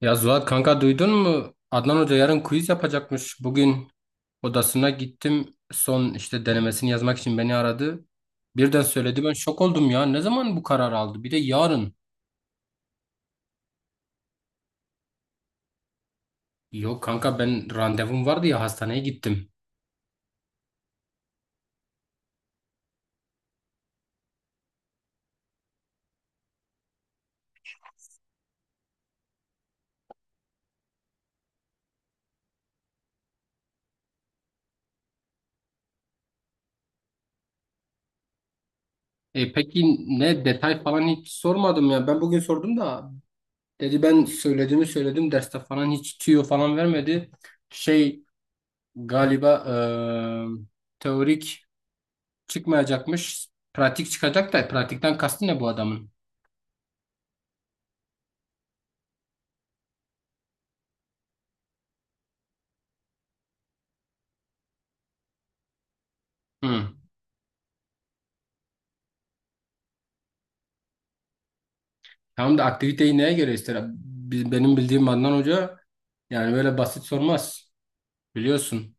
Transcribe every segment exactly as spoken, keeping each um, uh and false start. Ya Zuhat kanka duydun mu? Adnan Hoca yarın quiz yapacakmış. Bugün odasına gittim. Son işte denemesini yazmak için beni aradı. Birden söyledi ben şok oldum ya. Ne zaman bu karar aldı? Bir de yarın. Yok kanka ben randevum vardı ya hastaneye gittim. E peki ne detay falan hiç sormadım ya. Ben bugün sordum da dedi ben söylediğimi söyledim. Derste falan hiç tüyo falan vermedi. Şey galiba e, teorik çıkmayacakmış. Pratik çıkacak da pratikten kastı ne bu adamın? Hı. Tamam da aktiviteyi neye göre ister? Biz- Benim bildiğim Adnan Hoca yani böyle basit sormaz. Biliyorsun.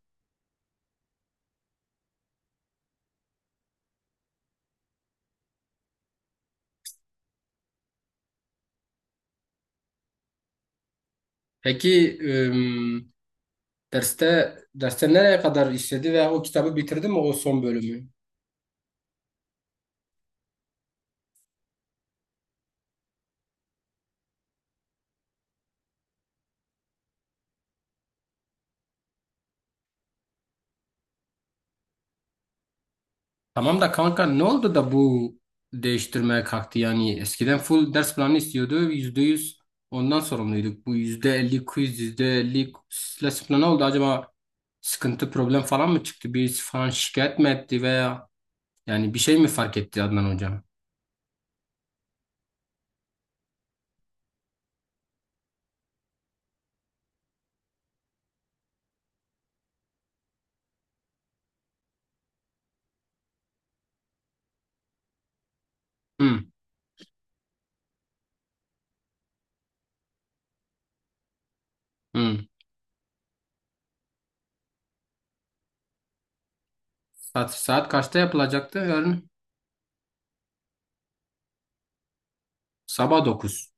Peki ım, derste derste nereye kadar işledi veya o kitabı bitirdi mi o son bölümü? Tamam da kanka ne oldu da bu değiştirmeye kalktı yani eskiden full ders planı istiyordu yüzde yüz ondan sorumluyduk. Bu yüzde elli quiz yüzde elli ders planı oldu acaba sıkıntı problem falan mı çıktı birisi falan şikayet mi etti veya yani bir şey mi fark etti Adnan hocam? Hı, hı. Saat, saat kaçta yapılacaktı yarın? Sabah dokuz.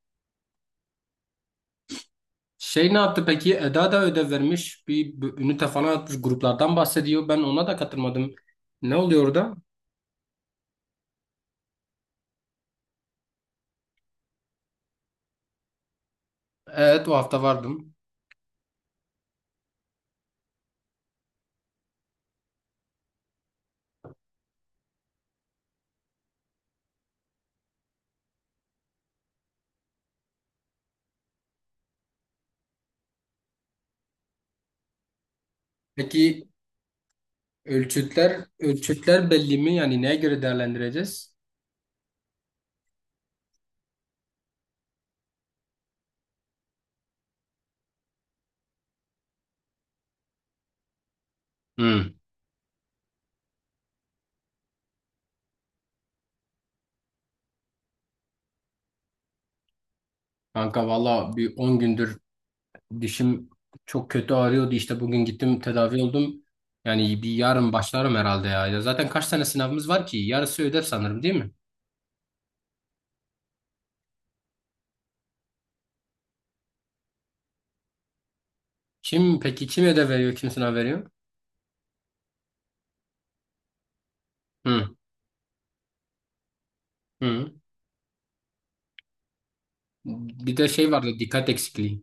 Şey ne yaptı peki? Eda da ödev vermiş. Bir, bir ünite falan atmış. Gruplardan bahsediyor. Ben ona da katılmadım. Ne oluyor orada? Evet o hafta vardım. Peki ölçütler ölçütler belli mi? Yani neye göre değerlendireceğiz? Hı. Kanka valla bir on gündür dişim çok kötü ağrıyordu. İşte bugün gittim tedavi oldum. Yani bir yarın başlarım herhalde ya. Ya zaten kaç tane sınavımız var ki? Yarısı ödev sanırım değil mi? Kim peki kim ödev veriyor? Kim sınav veriyor? Hı hı. Bir de şey vardı dikkat eksikliği.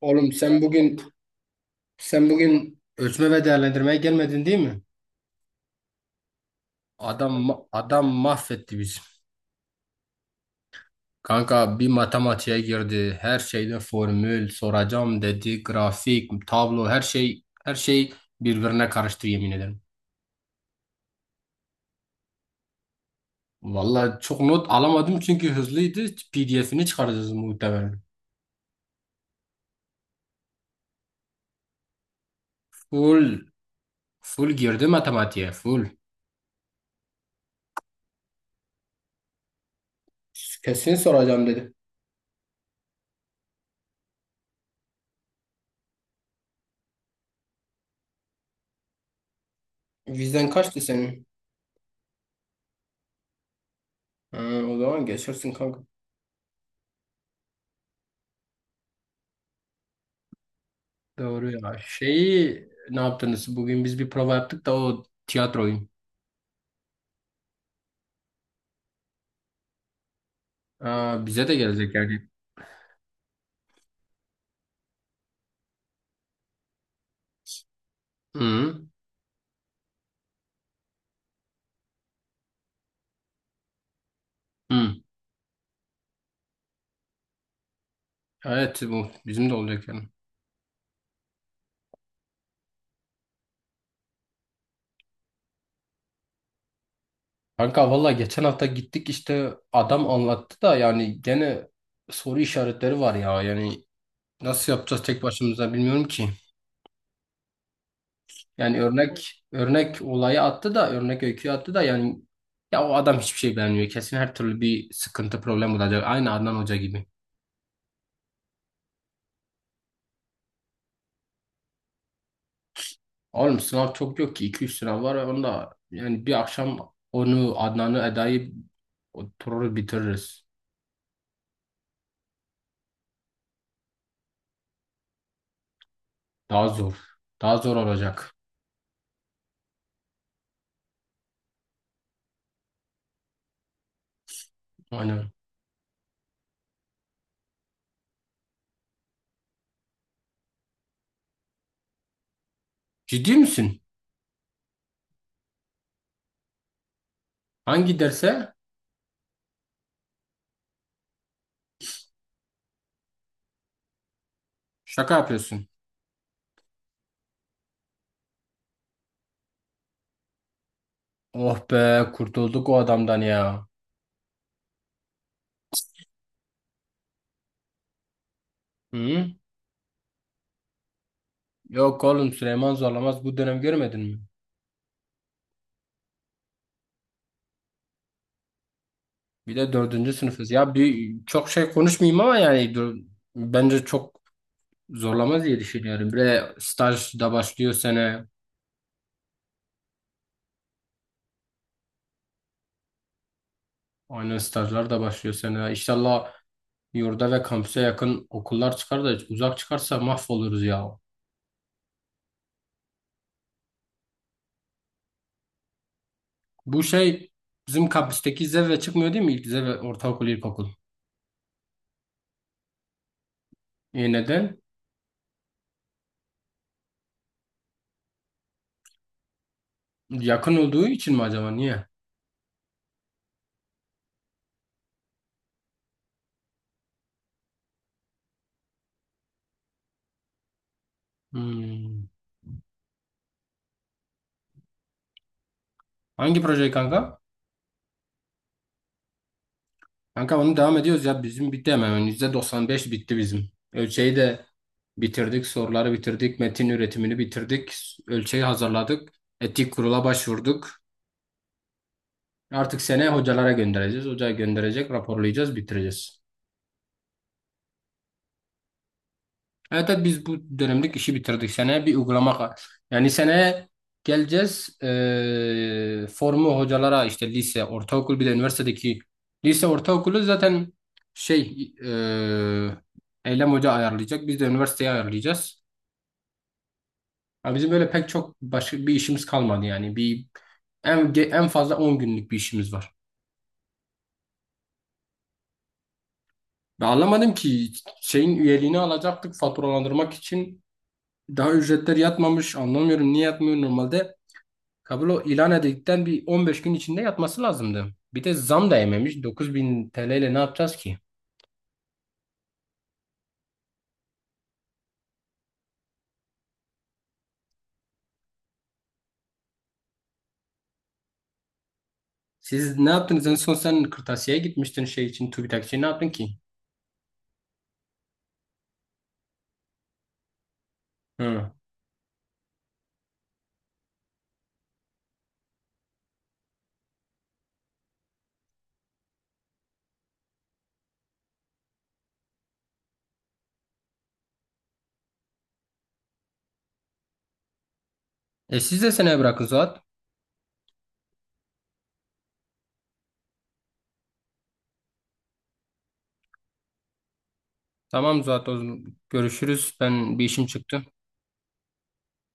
Oğlum sen bugün sen bugün ölçme ve değerlendirmeye gelmedin değil mi? Adam ma- adam mahvetti bizi. Kanka bir matematiğe girdi. Her şeyde formül soracağım dedi. Grafik, tablo her şey her şey birbirine karıştı yemin ederim. Vallahi çok not alamadım çünkü hızlıydı. P D F'ini çıkaracağız muhtemelen. Full full girdi matematiğe full. Kesin soracağım dedi. Vizen kaçtı senin? Ha, o zaman geçersin kanka. Doğru ya. Şeyi ne yaptınız? Bugün biz bir prova yaptık da o tiyatroyu. Aa, bize de gelecek yani. Hı hı. Evet bu bizim de olacak yani. Kanka valla geçen hafta gittik işte adam anlattı da yani gene soru işaretleri var ya yani nasıl yapacağız tek başımıza bilmiyorum ki. Yani örnek örnek olayı attı da örnek öyküyü attı da yani ya o adam hiçbir şey beğenmiyor. Kesin her türlü bir sıkıntı problem olacak. Aynı Adnan Hoca gibi. Oğlum sınav çok yok ki iki üç sınav var onda yani bir akşam onu Adnan'ı Eda'yı oturur bitiririz. Daha zor. Daha zor olacak. Aynen. Ciddi misin? Hangi derse? Şaka yapıyorsun. Oh be kurtulduk o adamdan ya. Hı? Yok oğlum Süleyman zorlamaz bu dönem görmedin mi? Bir de dördüncü sınıfız. Ya bir, çok şey konuşmayayım ama yani dur, bence çok zorlamaz diye düşünüyorum. Bir de staj da başlıyor sene. Aynen stajlar da başlıyor sene. İnşallah yurda ve kampüse yakın okullar çıkar da uzak çıkarsa mahvoluruz ya. Bu şey bizim kampüsteki zirve çıkmıyor değil mi? İlk zirve ortaokul, ilkokul. E neden? Yakın olduğu için mi acaba? Niye? Hmm. Hangi proje kanka? Kanka onu devam ediyoruz ya. Bizim bitti hemen. Yani yüzde doksan beş bitti bizim. Ölçeği de bitirdik. Soruları bitirdik. Metin üretimini bitirdik. Ölçeği hazırladık. Etik kurula başvurduk. Artık seneye hocalara göndereceğiz. Hocaya gönderecek, raporlayacağız, bitireceğiz. Evet, evet biz bu dönemlik işi bitirdik. Seneye bir uygulama ka- yani seneye geleceğiz eee, formu hocalara işte lise, ortaokul bir de üniversitedeki lise ortaokulu zaten şey eee Eylem Hoca ayarlayacak. Biz de üniversiteye ayarlayacağız. Ama bizim böyle pek çok başka bir işimiz kalmadı yani. Bir en ge- en fazla on günlük bir işimiz var. Ben anlamadım ki şeyin üyeliğini alacaktık faturalandırmak için daha ücretler yatmamış. Anlamıyorum niye yatmıyor normalde. Kablo ilan edildikten bir on beş gün içinde yatması lazımdı. Bir de zam da yememiş. dokuz bin T L ile ne yapacağız ki? Siz ne yaptınız? En son sen kırtasiyeye gitmiştin şey için, TÜBİTAK için ne yaptın ki? Hı. E siz de seneye bırakın Zuhat. Tamam Zuhat, o zaman görüşürüz. Ben bir işim çıktı.